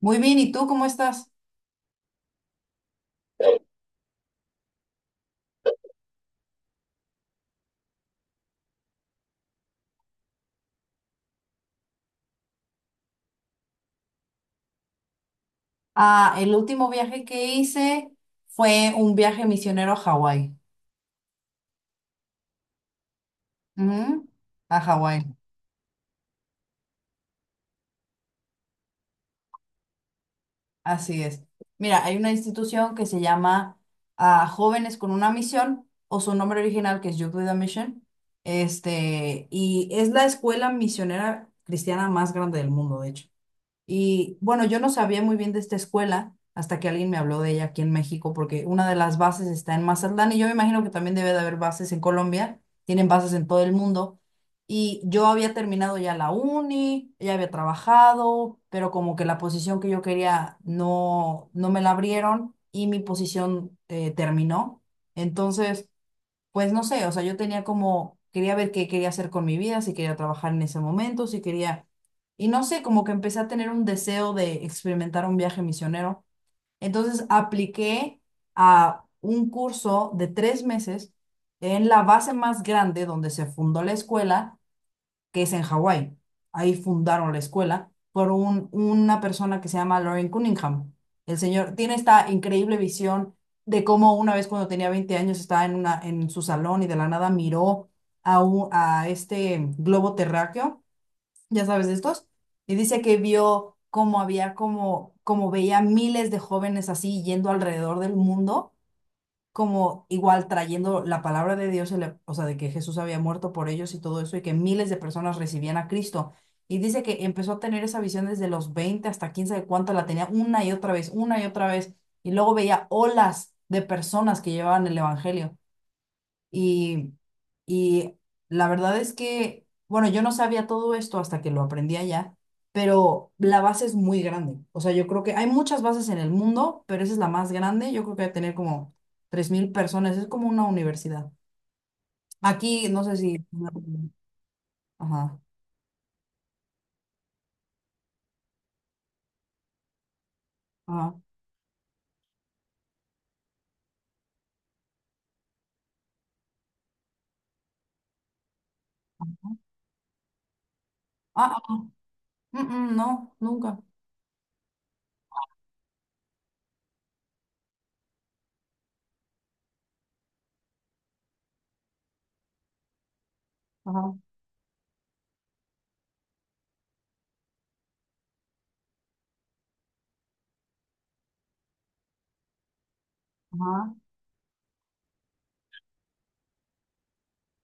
Muy bien, ¿y tú cómo estás? Ah, el último viaje que hice fue un viaje misionero a Hawái. Ujú. A Hawái, así es. Mira, hay una institución que se llama Jóvenes con una Misión, o su nombre original, que es Youth with a Mission. Y es la escuela misionera cristiana más grande del mundo, de hecho. Y bueno, yo no sabía muy bien de esta escuela hasta que alguien me habló de ella aquí en México, porque una de las bases está en Mazatlán y yo me imagino que también debe de haber bases en Colombia, tienen bases en todo el mundo. Y yo había terminado ya la uni, ya había trabajado, pero como que la posición que yo quería no me la abrieron y mi posición terminó. Entonces... Pues no sé, o sea, yo tenía como, quería ver qué quería hacer con mi vida, si quería trabajar en ese momento, si quería, y no sé, como que empecé a tener un deseo de experimentar un viaje misionero. Entonces apliqué a un curso de 3 meses en la base más grande donde se fundó la escuela, que es en Hawái. Ahí fundaron la escuela por una persona que se llama Lauren Cunningham. El señor tiene esta increíble visión de cómo una vez, cuando tenía 20 años, estaba en, una, en su salón y de la nada miró a este globo terráqueo, ya sabes, de estos, y dice que vio cómo había como, como veía miles de jóvenes así yendo alrededor del mundo, como igual trayendo la palabra de Dios, o sea, de que Jesús había muerto por ellos y todo eso, y que miles de personas recibían a Cristo. Y dice que empezó a tener esa visión desde los 20 hasta quién sabe cuánto, la tenía una y otra vez, una y otra vez, y luego veía olas de personas que llevaban el Evangelio. Y, y la verdad es que, bueno, yo no sabía todo esto hasta que lo aprendí allá, pero la base es muy grande. O sea, yo creo que hay muchas bases en el mundo, pero esa es la más grande. Yo creo que va a tener como 3.000 personas. Es como una universidad. Aquí, no sé si... Ajá, ajá. Ah, ah, mm, mm, no, nunca. Ajá, ajá.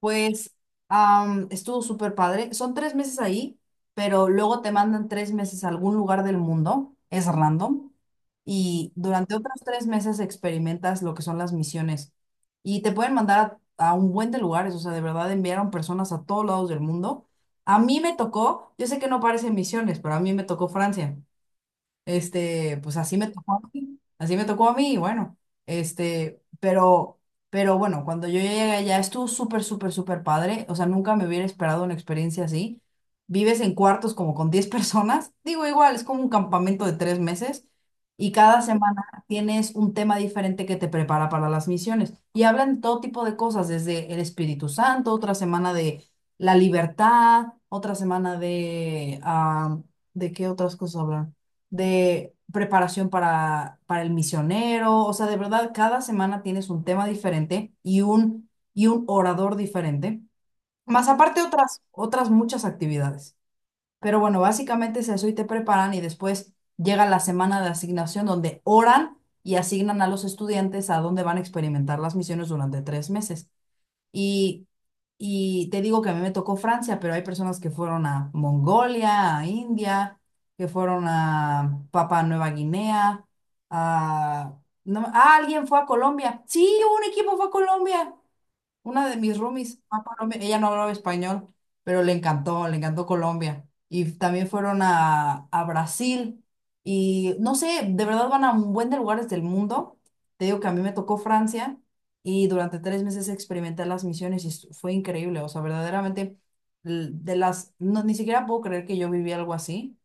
Pues estuvo súper padre. Son 3 meses ahí, pero luego te mandan 3 meses a algún lugar del mundo. Es random. Y durante otros 3 meses experimentas lo que son las misiones. Y te pueden mandar a un buen de lugares. O sea, de verdad enviaron personas a todos lados del mundo. A mí me tocó, yo sé que no parecen misiones, pero a mí me tocó Francia. Pues así me tocó a mí, así me tocó a mí, y bueno, este, pero, pero bueno, cuando yo llegué allá estuvo súper, súper, súper padre, o sea, nunca me hubiera esperado una experiencia así. Vives en cuartos como con 10 personas, digo, igual, es como un campamento de 3 meses, y cada semana tienes un tema diferente que te prepara para las misiones y hablan de todo tipo de cosas, desde el Espíritu Santo, otra semana de la libertad, otra semana de, ¿de qué otras cosas hablan? De preparación para el misionero, o sea, de verdad, cada semana tienes un tema diferente y un orador diferente, más aparte otras muchas actividades. Pero bueno, básicamente es eso y te preparan y después llega la semana de asignación donde oran y asignan a los estudiantes a dónde van a experimentar las misiones durante 3 meses. Y, y te digo que a mí me tocó Francia, pero hay personas que fueron a Mongolia, a India, que fueron a Papua Nueva Guinea, a... no me- ah, alguien fue a Colombia. Sí, un equipo fue a Colombia. Una de mis roomies fue a Colombia, ella no hablaba español, pero le encantó Colombia. Y también fueron a Brasil. Y no sé, de verdad van a un buen de lugares del mundo. Te digo que a mí me tocó Francia y durante 3 meses experimenté las misiones y fue increíble. O sea, verdaderamente, no, ni siquiera puedo creer que yo viví algo así.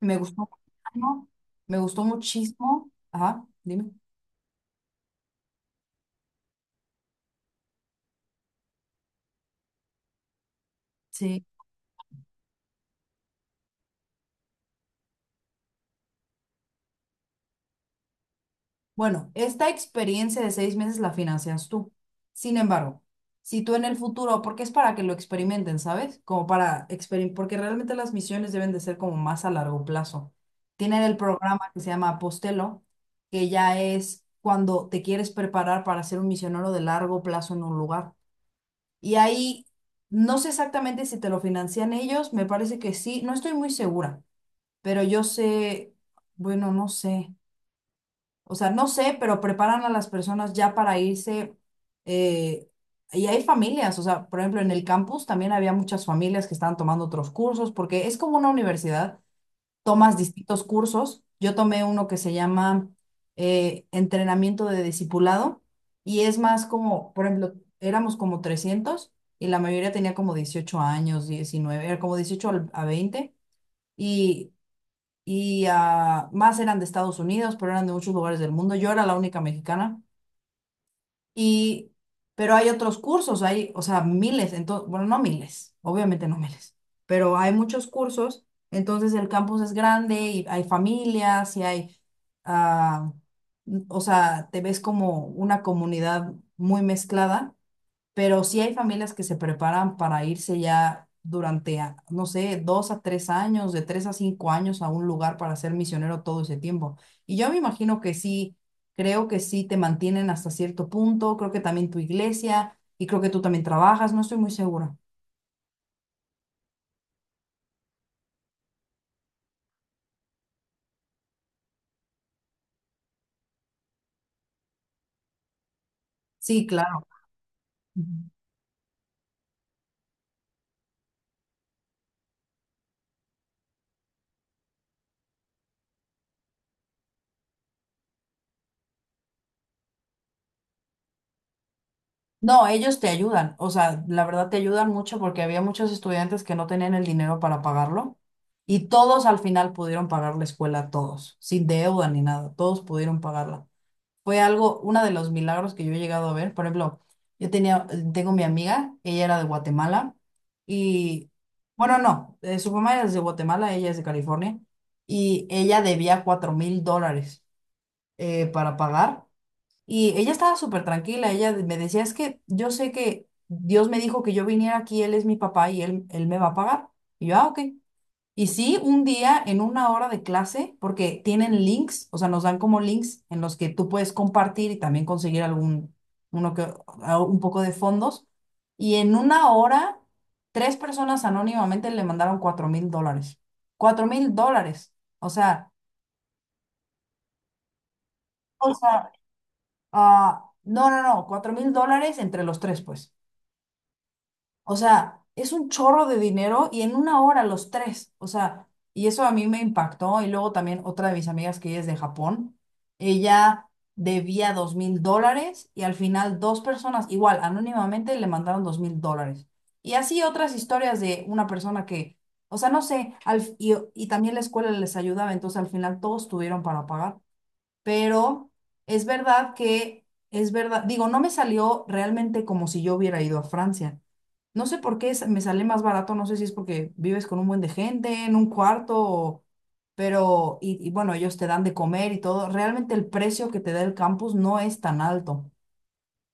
Me gustó muchísimo, ¿no? Me gustó muchísimo. Ajá, dime. Bueno, esta experiencia de 6 meses la financias tú. Sin embargo, si tú en el futuro, porque es para que lo experimenten, ¿sabes? Como para experimentar, porque realmente las misiones deben de ser como más a largo plazo. Tienen el programa que se llama Apostelo, que ya es cuando te quieres preparar para ser un misionero de largo plazo en un lugar. Y ahí, no sé exactamente si te lo financian ellos, me parece que sí, no estoy muy segura, pero yo sé, bueno, no sé. O sea, no sé, pero preparan a las personas ya para irse. eh, y hay familias, o sea, por ejemplo, en el campus también había muchas familias que estaban tomando otros cursos, porque es como una universidad, tomas distintos cursos. Yo tomé uno que se llama entrenamiento de discipulado y es más como, por ejemplo, éramos como 300 y la mayoría tenía como 18 años, 19, era como 18 a 20. Y y más eran de Estados Unidos, pero eran de muchos lugares del mundo. Yo era la única mexicana y pero hay otros cursos, hay, o sea, miles, entonces, bueno, no miles, obviamente no miles, pero hay muchos cursos, entonces el campus es grande y hay familias y hay ah, o sea, te ves como una comunidad muy mezclada, pero sí hay familias que se preparan para irse ya durante, no sé, 2 a 3 años, de 3 a 5 años, a un lugar para ser misionero todo ese tiempo. Y yo me imagino que sí, creo que sí te mantienen hasta cierto punto, creo que también tu iglesia y creo que tú también trabajas, no estoy muy segura. Sí, claro. Ujú. No, ellos te ayudan, o sea, la verdad te ayudan mucho porque había muchos estudiantes que no tenían el dinero para pagarlo y todos al final pudieron pagar la escuela, todos, sin deuda ni nada, todos pudieron pagarla. Fue algo, uno de los milagros que yo he llegado a ver. Por ejemplo, yo tenía, tengo mi amiga, ella era de Guatemala y, bueno, no, su mamá es de Guatemala, ella es de California y ella debía 4.000 dólares para pagar y ella estaba súper tranquila. Me decía, es que yo sé que Dios me dijo que yo viniera aquí, él es mi papá y él me va a pagar. Y yo, ah, ok. Y sí, un día en una hora de clase, porque tienen links, o sea, nos dan como links en los que tú puedes compartir y también conseguir algún, uno que, un poco de fondos. Y en una hora, tres personas anónimamente le mandaron 4.000 dólares. 4.000 dólares. O sea, o sea, no, no, no, 4.000 dólares entre los tres, pues. O sea, es un chorro de dinero y en una hora los tres. O sea, y eso a mí me impactó. Y luego también otra de mis amigas que ella es de Japón, ella debía 2.000 dólares y al final dos personas, igual, anónimamente le mandaron 2.000 dólares. Y así otras historias de una persona que, o sea, no sé, y también la escuela les ayudaba, entonces al final todos tuvieron para pagar. Pero es verdad que, es verdad, digo, no me salió realmente como si yo hubiera ido a Francia, no sé por qué me sale más barato, no sé si es porque vives con un buen de gente, en un cuarto, pero, y bueno, ellos te dan de comer y todo. Realmente el precio que te da el campus no es tan alto.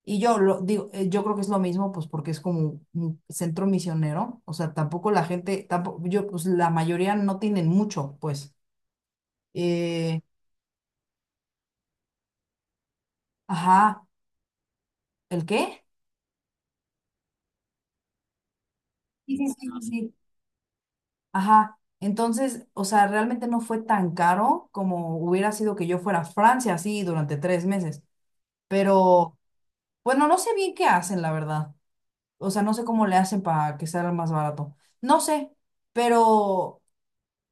Y yo lo digo, yo creo que es lo mismo, pues porque es como un centro misionero, o sea, tampoco la gente, tampoco, yo, pues la mayoría no tienen mucho, pues. Eh, ajá, ¿el qué? Sí, sí, sí, sí. Ajá, entonces, o sea, realmente no fue tan caro como hubiera sido que yo fuera a Francia así durante 3 meses, pero bueno, no sé bien qué hacen, la verdad. O sea, no sé cómo le hacen para que sea más barato. No sé, pero,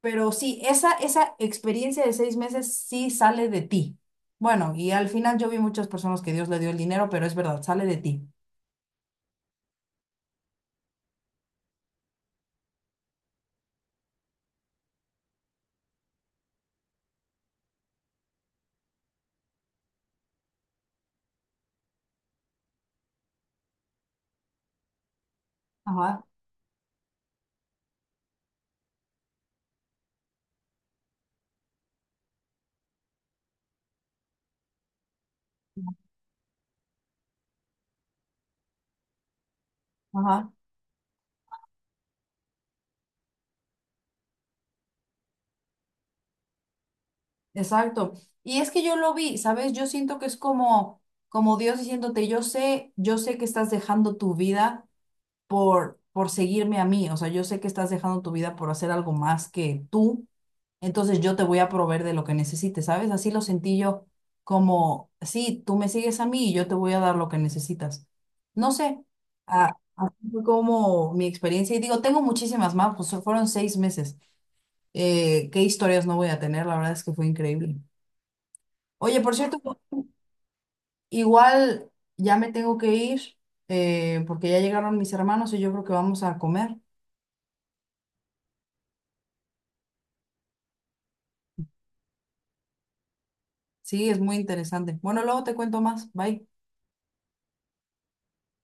pero sí, esa experiencia de 6 meses sí sale de ti. Bueno, y al final yo vi muchas personas que Dios le dio el dinero, pero es verdad, sale de ti. Ajá, ajá. Exacto. Y es que yo lo vi, ¿sabes? Yo siento que es como, como Dios diciéndote, yo sé que estás dejando tu vida por seguirme a mí, o sea, yo sé que estás dejando tu vida por hacer algo más que tú, entonces yo te voy a proveer de lo que necesites, ¿sabes? Así lo sentí yo, como, sí, tú me sigues a mí y yo te voy a dar lo que necesitas. No sé, ah, fue como mi experiencia, y digo, tengo muchísimas más, pues fueron 6 meses. Qué historias no voy a tener, la verdad es que fue increíble. Oye, por cierto, igual ya me tengo que ir porque ya llegaron mis hermanos y yo creo que vamos a comer. Sí, es muy interesante. Bueno, luego te cuento más. Bye.